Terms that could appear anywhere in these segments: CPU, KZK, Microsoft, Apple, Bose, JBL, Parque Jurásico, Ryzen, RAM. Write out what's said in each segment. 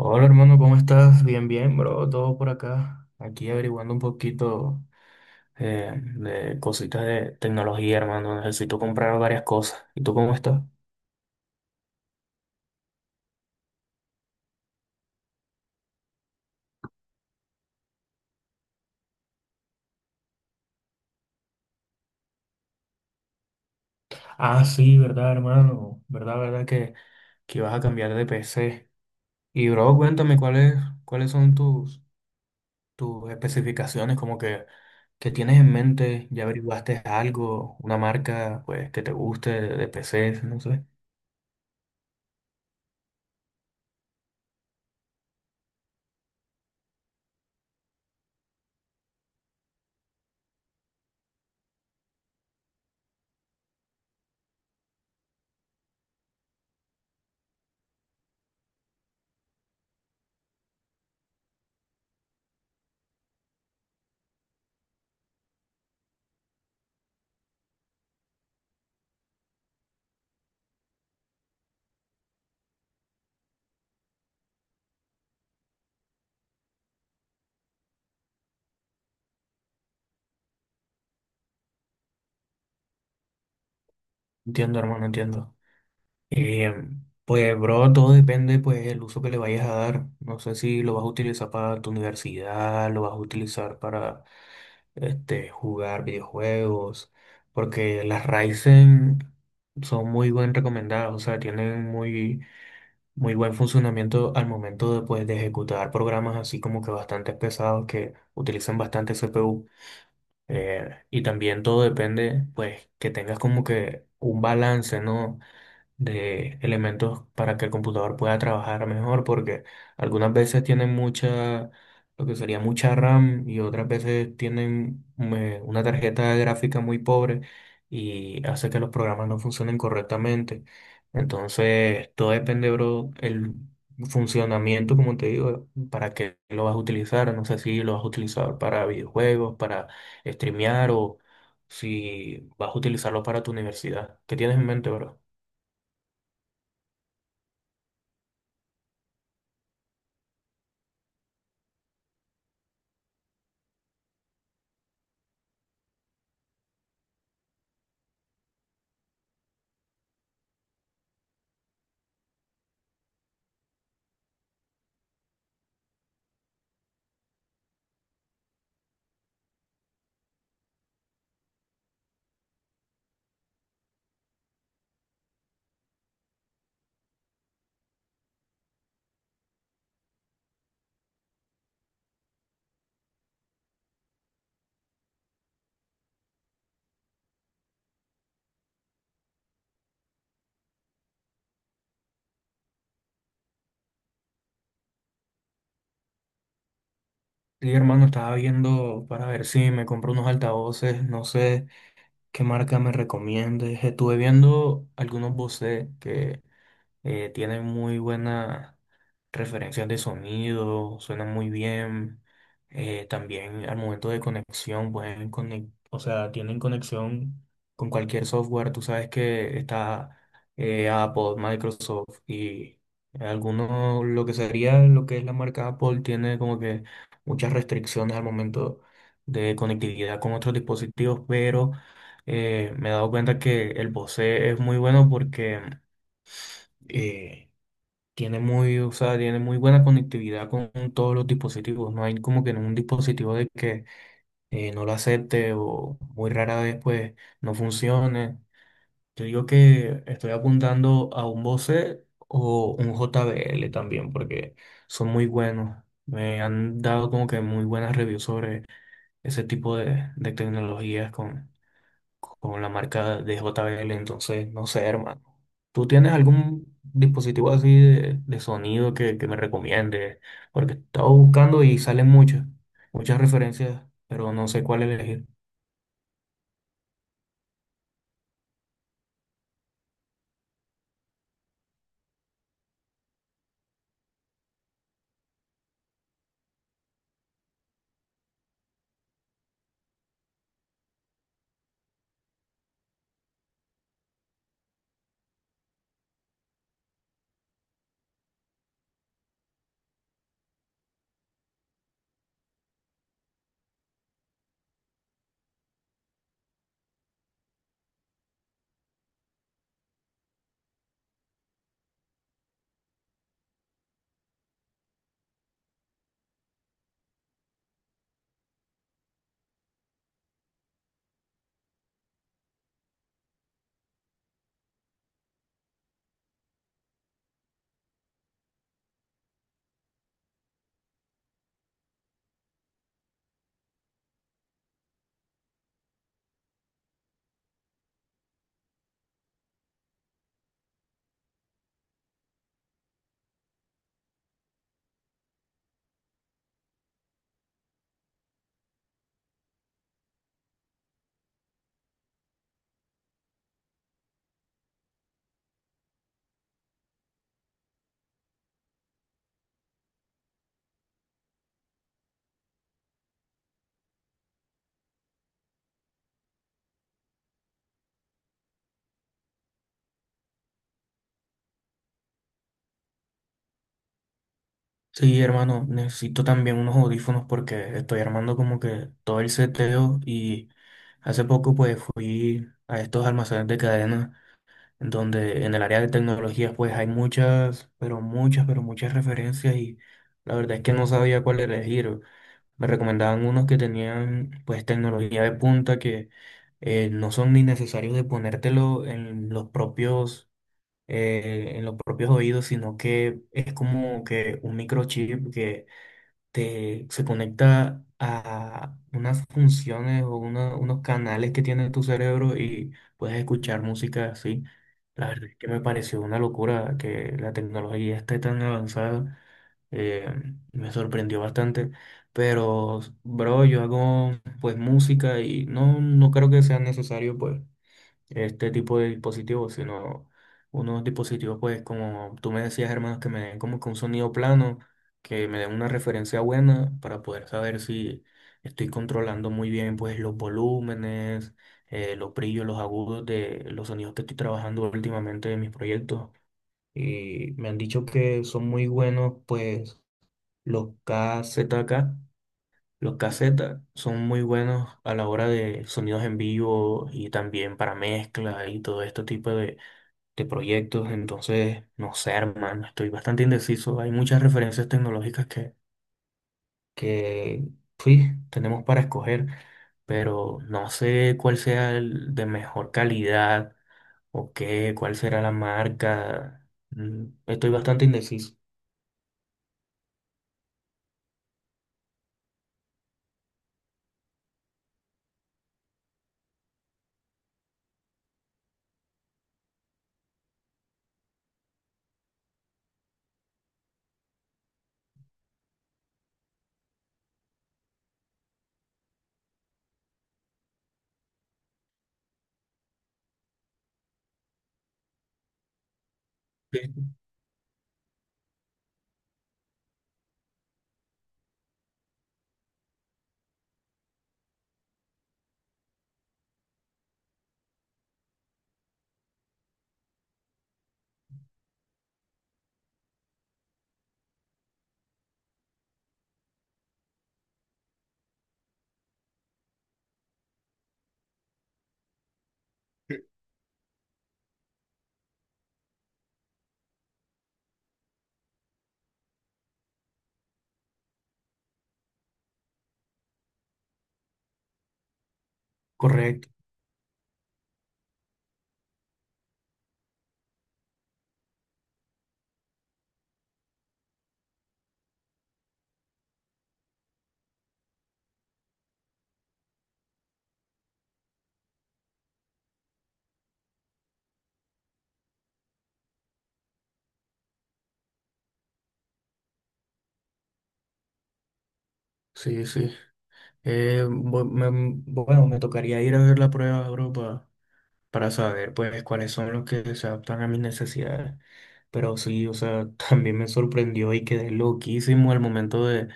Hola hermano, ¿cómo estás? Bien, bien, bro, todo por acá. Aquí averiguando un poquito de cositas de tecnología, hermano. Necesito comprar varias cosas. ¿Y tú cómo estás? Ah, sí, verdad, hermano. Verdad, que vas a cambiar de PC. Y bro, cuáles son tus especificaciones, que tienes en mente, ya averiguaste algo, una marca pues que te guste de PC, no sé. Entiendo, hermano, entiendo. Eh, pues, bro, todo depende, pues, el uso que le vayas a dar. No sé si lo vas a utilizar para tu universidad, lo vas a utilizar este, jugar videojuegos, porque las Ryzen son muy bien recomendadas, o sea, tienen muy, muy buen funcionamiento al momento de, pues, de ejecutar programas así como que bastante pesados que utilizan bastante CPU. Y también todo depende, pues, que tengas como que un balance, ¿no?, de elementos para que el computador pueda trabajar mejor, porque algunas veces tienen lo que sería mucha RAM y otras veces tienen una tarjeta gráfica muy pobre y hace que los programas no funcionen correctamente. Entonces, todo depende, bro, el funcionamiento, como te digo, para qué lo vas a utilizar. No sé si lo vas a utilizar para videojuegos, para streamear o si vas a utilizarlo para tu universidad. ¿Qué tienes en mente, bro? Sí, hermano, estaba viendo para ver si me compro unos altavoces, no sé qué marca me recomiendes. Estuve viendo algunos Bose que tiene muy buena referencias de sonido, suena muy bien. También al momento de conexión, o sea, tienen conexión con cualquier software. Tú sabes que está Apple, Microsoft y algunos, lo que sería lo que es la marca Apple, tiene como que muchas restricciones al momento de conectividad con otros dispositivos, pero me he dado cuenta que el Bose es muy bueno porque eh, tiene muy, o sea, tiene muy buena conectividad con todos los dispositivos. No hay como que un dispositivo de que no lo acepte o muy rara vez pues no funcione. Yo digo que estoy apuntando a un Bose o un JBL también porque son muy buenos. Me han dado como que muy buenas reviews sobre ese tipo de tecnologías con la marca de JBL, entonces no sé, hermano. ¿Tú tienes algún dispositivo así de sonido que me recomiendes? Porque estaba buscando y salen muchas referencias, pero no sé cuál elegir. Sí, hermano, necesito también unos audífonos porque estoy armando como que todo el seteo y hace poco pues fui a estos almacenes de cadena donde en el área de tecnologías pues hay muchas, pero muchas, pero muchas referencias y la verdad es que no sabía cuál elegir. Me recomendaban unos que tenían pues tecnología de punta que no son ni necesarios de ponértelo en los propios oídos, sino que es como que un microchip se conecta a unas funciones o unos canales que tiene tu cerebro y puedes escuchar música así. La verdad es que me pareció una locura que la tecnología esté tan avanzada. eh, Me sorprendió bastante. Pero, bro, yo hago pues música y no, no creo que sea necesario pues este tipo de dispositivos, sino unos dispositivos, pues, como tú me decías, hermanos, que me den como que un sonido plano, que me den una referencia buena para poder saber si estoy controlando muy bien, pues, los volúmenes, los brillos, los agudos de los sonidos que estoy trabajando últimamente en mis proyectos. Y me han dicho que son muy buenos, pues, los KZK. Los cassettes son muy buenos a la hora de sonidos en vivo y también para mezcla y todo este tipo de proyectos. Entonces, no sé, hermano, estoy bastante indeciso. Hay muchas referencias tecnológicas que sí, tenemos para escoger, pero no sé cuál sea el de mejor calidad o cuál será la marca. Mm. Estoy bastante indeciso. Sí, correcto. Sí, sí. Bueno, me tocaría ir a ver la prueba, bro, para saber, pues, cuáles son los que se adaptan a mis necesidades. Pero sí, o sea, también me sorprendió y quedé loquísimo al momento de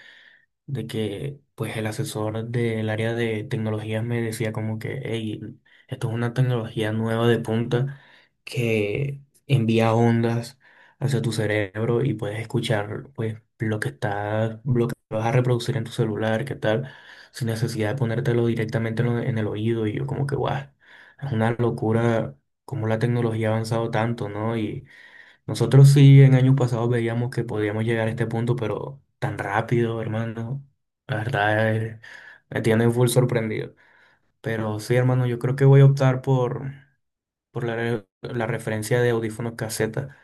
que pues el asesor del área de tecnologías me decía como que, hey, esto es una tecnología nueva de punta que envía ondas hacia tu cerebro y puedes escuchar pues lo que está, lo que vas a reproducir en tu celular, qué tal, sin necesidad de ponértelo directamente en en el oído y yo como que, guau, es una locura cómo la tecnología ha avanzado tanto, ¿no? Nosotros sí en años pasados veíamos que podíamos llegar a este punto, pero tan rápido, hermano. La verdad me tiene full sorprendido. Pero sí, hermano, yo creo que voy a optar por la referencia de audífonos caseta,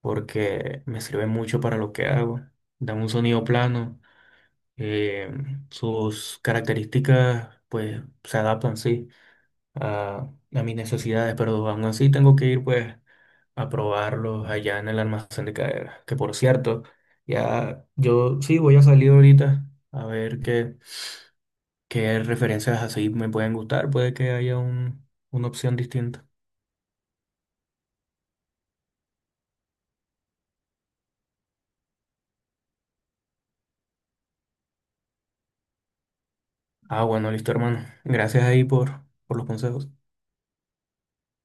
porque me sirve mucho para lo que hago. Dan un sonido plano, eh, sus características pues se adaptan, sí a mis necesidades, pero aún así tengo que ir pues a probarlos allá en el almacén de carga. Que por cierto, ya yo sí voy a salir ahorita a ver qué referencias así me pueden gustar. Puede que haya una opción distinta. Ah, bueno, listo, hermano. Gracias ahí por los consejos.